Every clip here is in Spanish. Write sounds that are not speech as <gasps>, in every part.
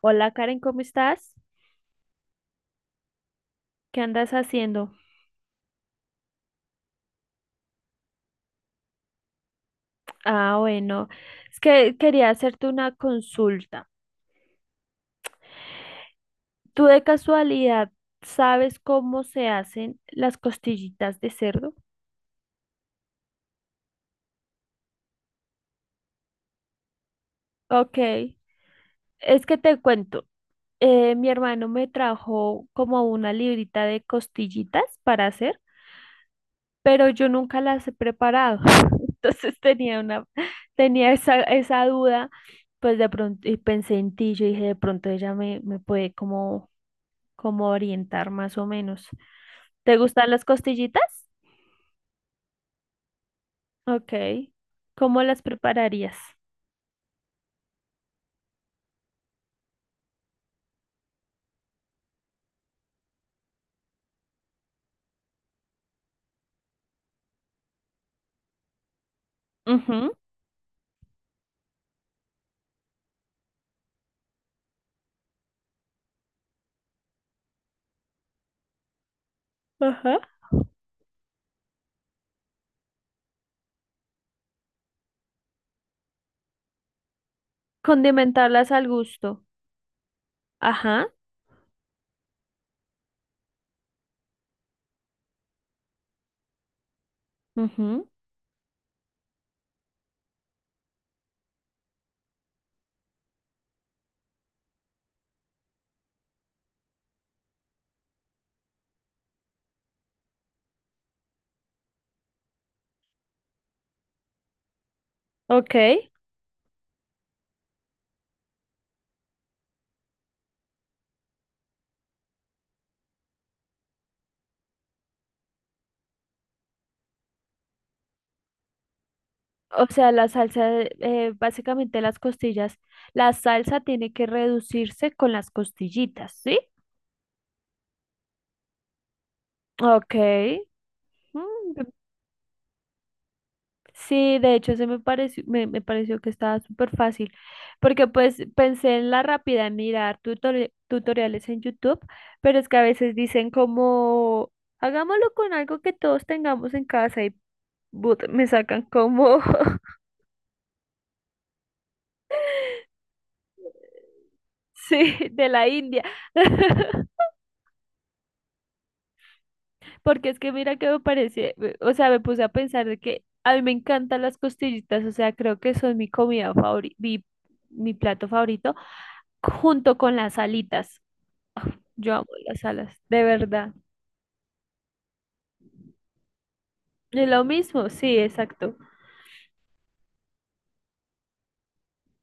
Hola Karen, ¿cómo estás? ¿Qué andas haciendo? Ah, bueno, es que quería hacerte una consulta. ¿Tú de casualidad sabes cómo se hacen las costillitas de cerdo? Ok, es que te cuento. Mi hermano me trajo como una librita de costillitas para hacer, pero yo nunca las he preparado. <laughs> Entonces tenía una, tenía esa duda, pues de pronto, y pensé en ti, yo dije, de pronto ella me puede como como orientar más o menos. ¿Te gustan las costillitas? Ok. ¿Cómo las prepararías? Ujú. Ajá. Condimentarlas al gusto. Ajá. Ujú. Ok. O sea, la salsa, básicamente las costillas, la salsa tiene que reducirse con las costillitas, ¿sí? Ok. Mm. Sí, de hecho, se me pareció, me pareció que estaba súper fácil, porque pues pensé en la rápida, en mirar tutoriales en YouTube, pero es que a veces dicen como, hagámoslo con algo que todos tengamos en casa y but, me sacan como, <laughs> sí, de la India. <laughs> Porque es que mira que me parece, o sea, me puse a pensar de que a mí me encantan las costillitas, o sea, creo que son mi comida favorita, mi plato favorito, junto con las alitas. Yo amo las alas, de verdad. Es lo mismo, sí, exacto.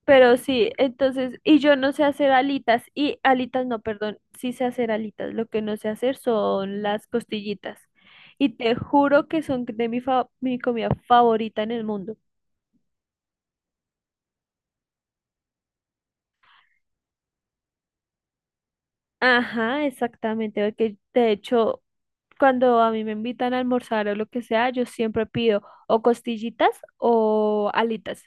Pero sí, entonces, y yo no sé hacer alitas, y alitas no, perdón, sí sé hacer alitas. Lo que no sé hacer son las costillitas. Y te juro que son de mi comida favorita en el mundo. Ajá, exactamente. Porque de hecho, cuando a mí me invitan a almorzar o lo que sea, yo siempre pido o costillitas o alitas.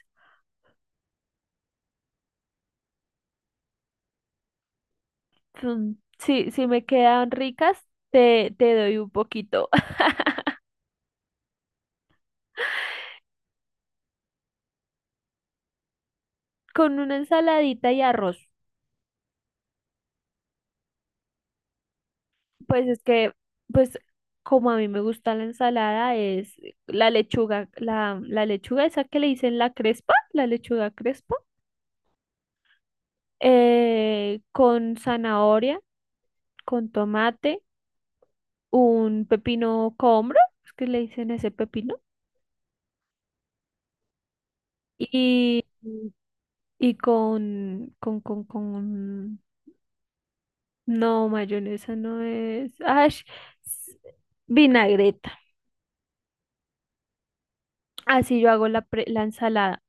Mm, sí, si me quedan ricas, te doy un poquito. <laughs> Con una ensaladita y arroz. Pues es que, pues como a mí me gusta la ensalada, es la lechuga, la lechuga esa que le dicen la crespa, la lechuga crespa, con zanahoria, con tomate, un pepino combro, es que le dicen ese pepino, y, y con no, mayonesa no es. Vinagreta. Así yo hago la ensalada.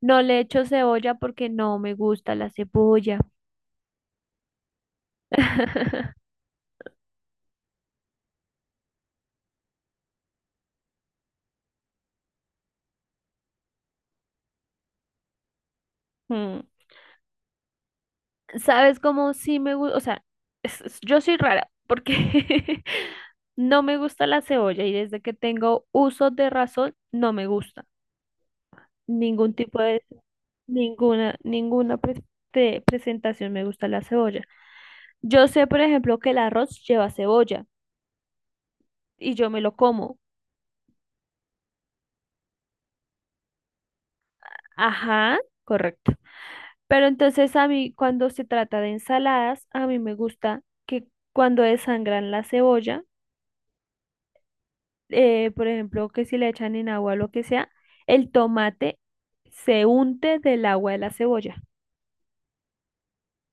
No le echo cebolla porque no me gusta la cebolla. <laughs> Mm. ¿Sabes cómo sí me gusta? O sea, yo soy rara porque <laughs> no me gusta la cebolla y desde que tengo uso de razón no me gusta. Ningún tipo de, ninguna, ninguna pre- de presentación me gusta la cebolla. Yo sé, por ejemplo, que el arroz lleva cebolla y yo me lo como. Ajá, correcto. Pero entonces a mí, cuando se trata de ensaladas, a mí me gusta que cuando desangran la cebolla, por ejemplo, que si le echan en agua o lo que sea, el tomate se unte del agua de la cebolla,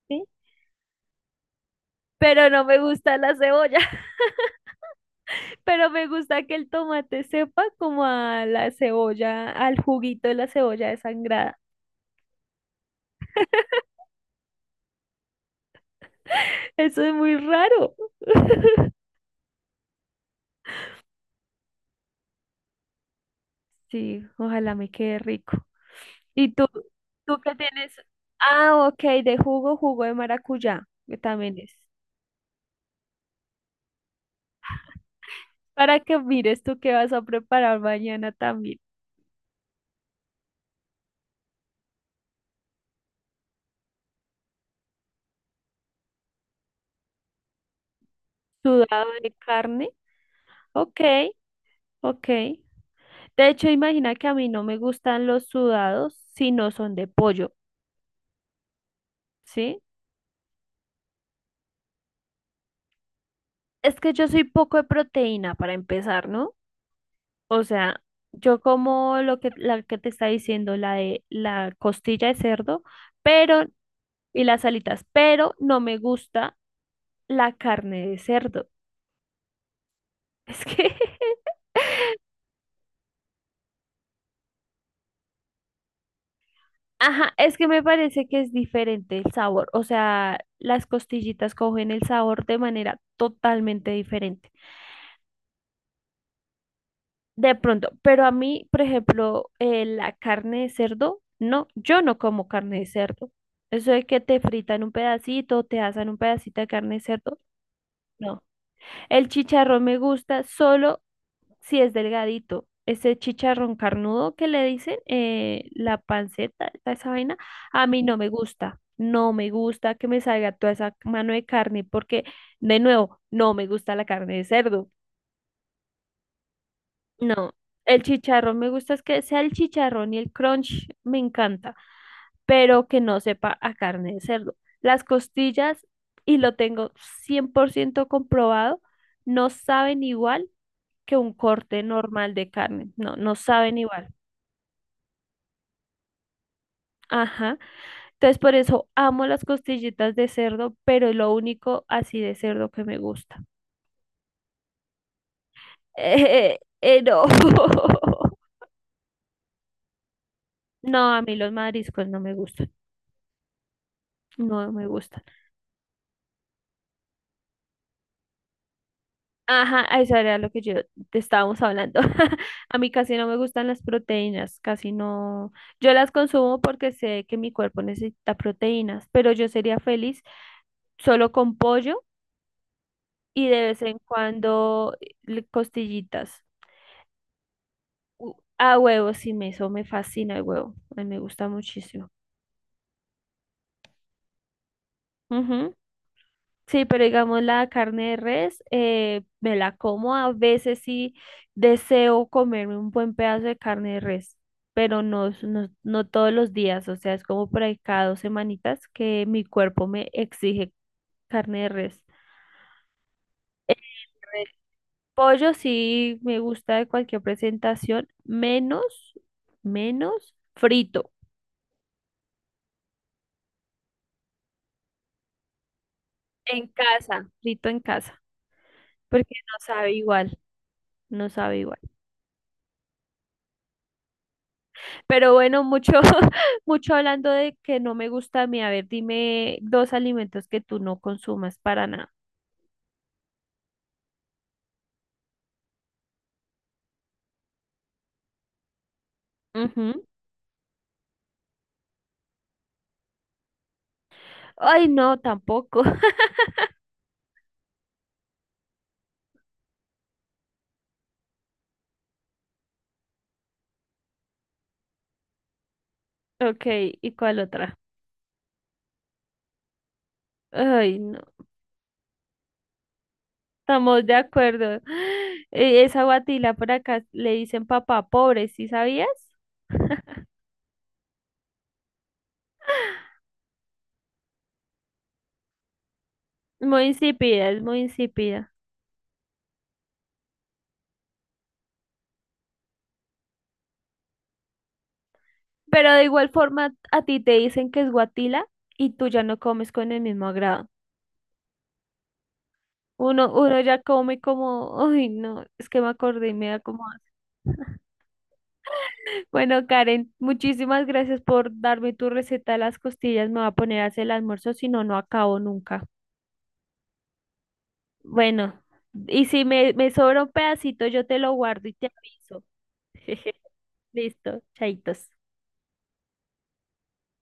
¿sí? Pero no me gusta la cebolla. Pero me gusta que el tomate sepa como a la cebolla, al juguito de la cebolla desangrada. Eso es muy raro. <laughs> Sí, ojalá me quede rico. ¿Y tú qué tienes? Ah, ok, de jugo, jugo de maracuyá, que también es. Para que mires tú qué vas a preparar mañana también. Sudado de carne. Ok, ok. De hecho, imagina que a mí no me gustan los sudados si no son de pollo, ¿sí? Es que yo soy poco de proteína para empezar, ¿no? O sea, yo como lo que la que te está diciendo, la de la costilla de cerdo, pero y las alitas, pero no me gusta la carne de cerdo. Es que <laughs> ajá, es que me parece que es diferente el sabor, o sea, las costillitas cogen el sabor de manera totalmente diferente. De pronto, pero a mí, por ejemplo, la carne de cerdo, no, yo no como carne de cerdo. Eso de que te fritan un pedacito, te asan un pedacito de carne de cerdo, no. El chicharrón me gusta solo si es delgadito. Ese chicharrón carnudo que le dicen, la panceta, toda esa vaina, a mí no me gusta. No me gusta que me salga toda esa mano de carne porque, de nuevo, no me gusta la carne de cerdo. No, el chicharrón me gusta es que sea el chicharrón y el crunch me encanta, pero que no sepa a carne de cerdo. Las costillas, y lo tengo 100% comprobado, no saben igual que un corte normal de carne. No, no saben igual. Ajá. Entonces por eso amo las costillitas de cerdo, pero es lo único así de cerdo que me gusta. <laughs> No. <laughs> No, a mí los mariscos no me gustan. No me gustan. Ajá, a eso era lo que yo te estábamos hablando. <laughs> A mí casi no me gustan las proteínas, casi no. Yo las consumo porque sé que mi cuerpo necesita proteínas, pero yo sería feliz solo con pollo y de vez en cuando costillitas. A huevo, sí, eso me fascina el huevo. A mí me gusta muchísimo. Sí, pero digamos la carne de res, me la como a veces sí deseo comerme un buen pedazo de carne de res, pero no, no, no todos los días, o sea, es como por ahí cada dos semanitas que mi cuerpo me exige carne de res. Pollo sí me gusta de cualquier presentación, menos frito en casa, porque no sabe igual, no sabe igual. Pero bueno, mucho, <laughs> mucho hablando de que no me gusta a mí. A ver, dime dos alimentos que tú no consumas para nada. Ujú. Ay, no, tampoco. <laughs> Ok, ¿y cuál otra? Ay, no, estamos de acuerdo. <gasps> <sighs> Esa guatila por acá le dicen papá pobre, ¿sí sabías? Muy insípida, es muy insípida. Pero de igual forma, a ti te dicen que es guatila y tú ya no comes con el mismo agrado. Uno ya come como, ay, no, es que me acordé y me da como... asco. Bueno, Karen, muchísimas gracias por darme tu receta de las costillas. Me voy a poner a hacer el almuerzo, si no, no acabo nunca. Bueno, y si me sobra un pedacito, yo te lo guardo y te aviso. <laughs> Listo, chaitos.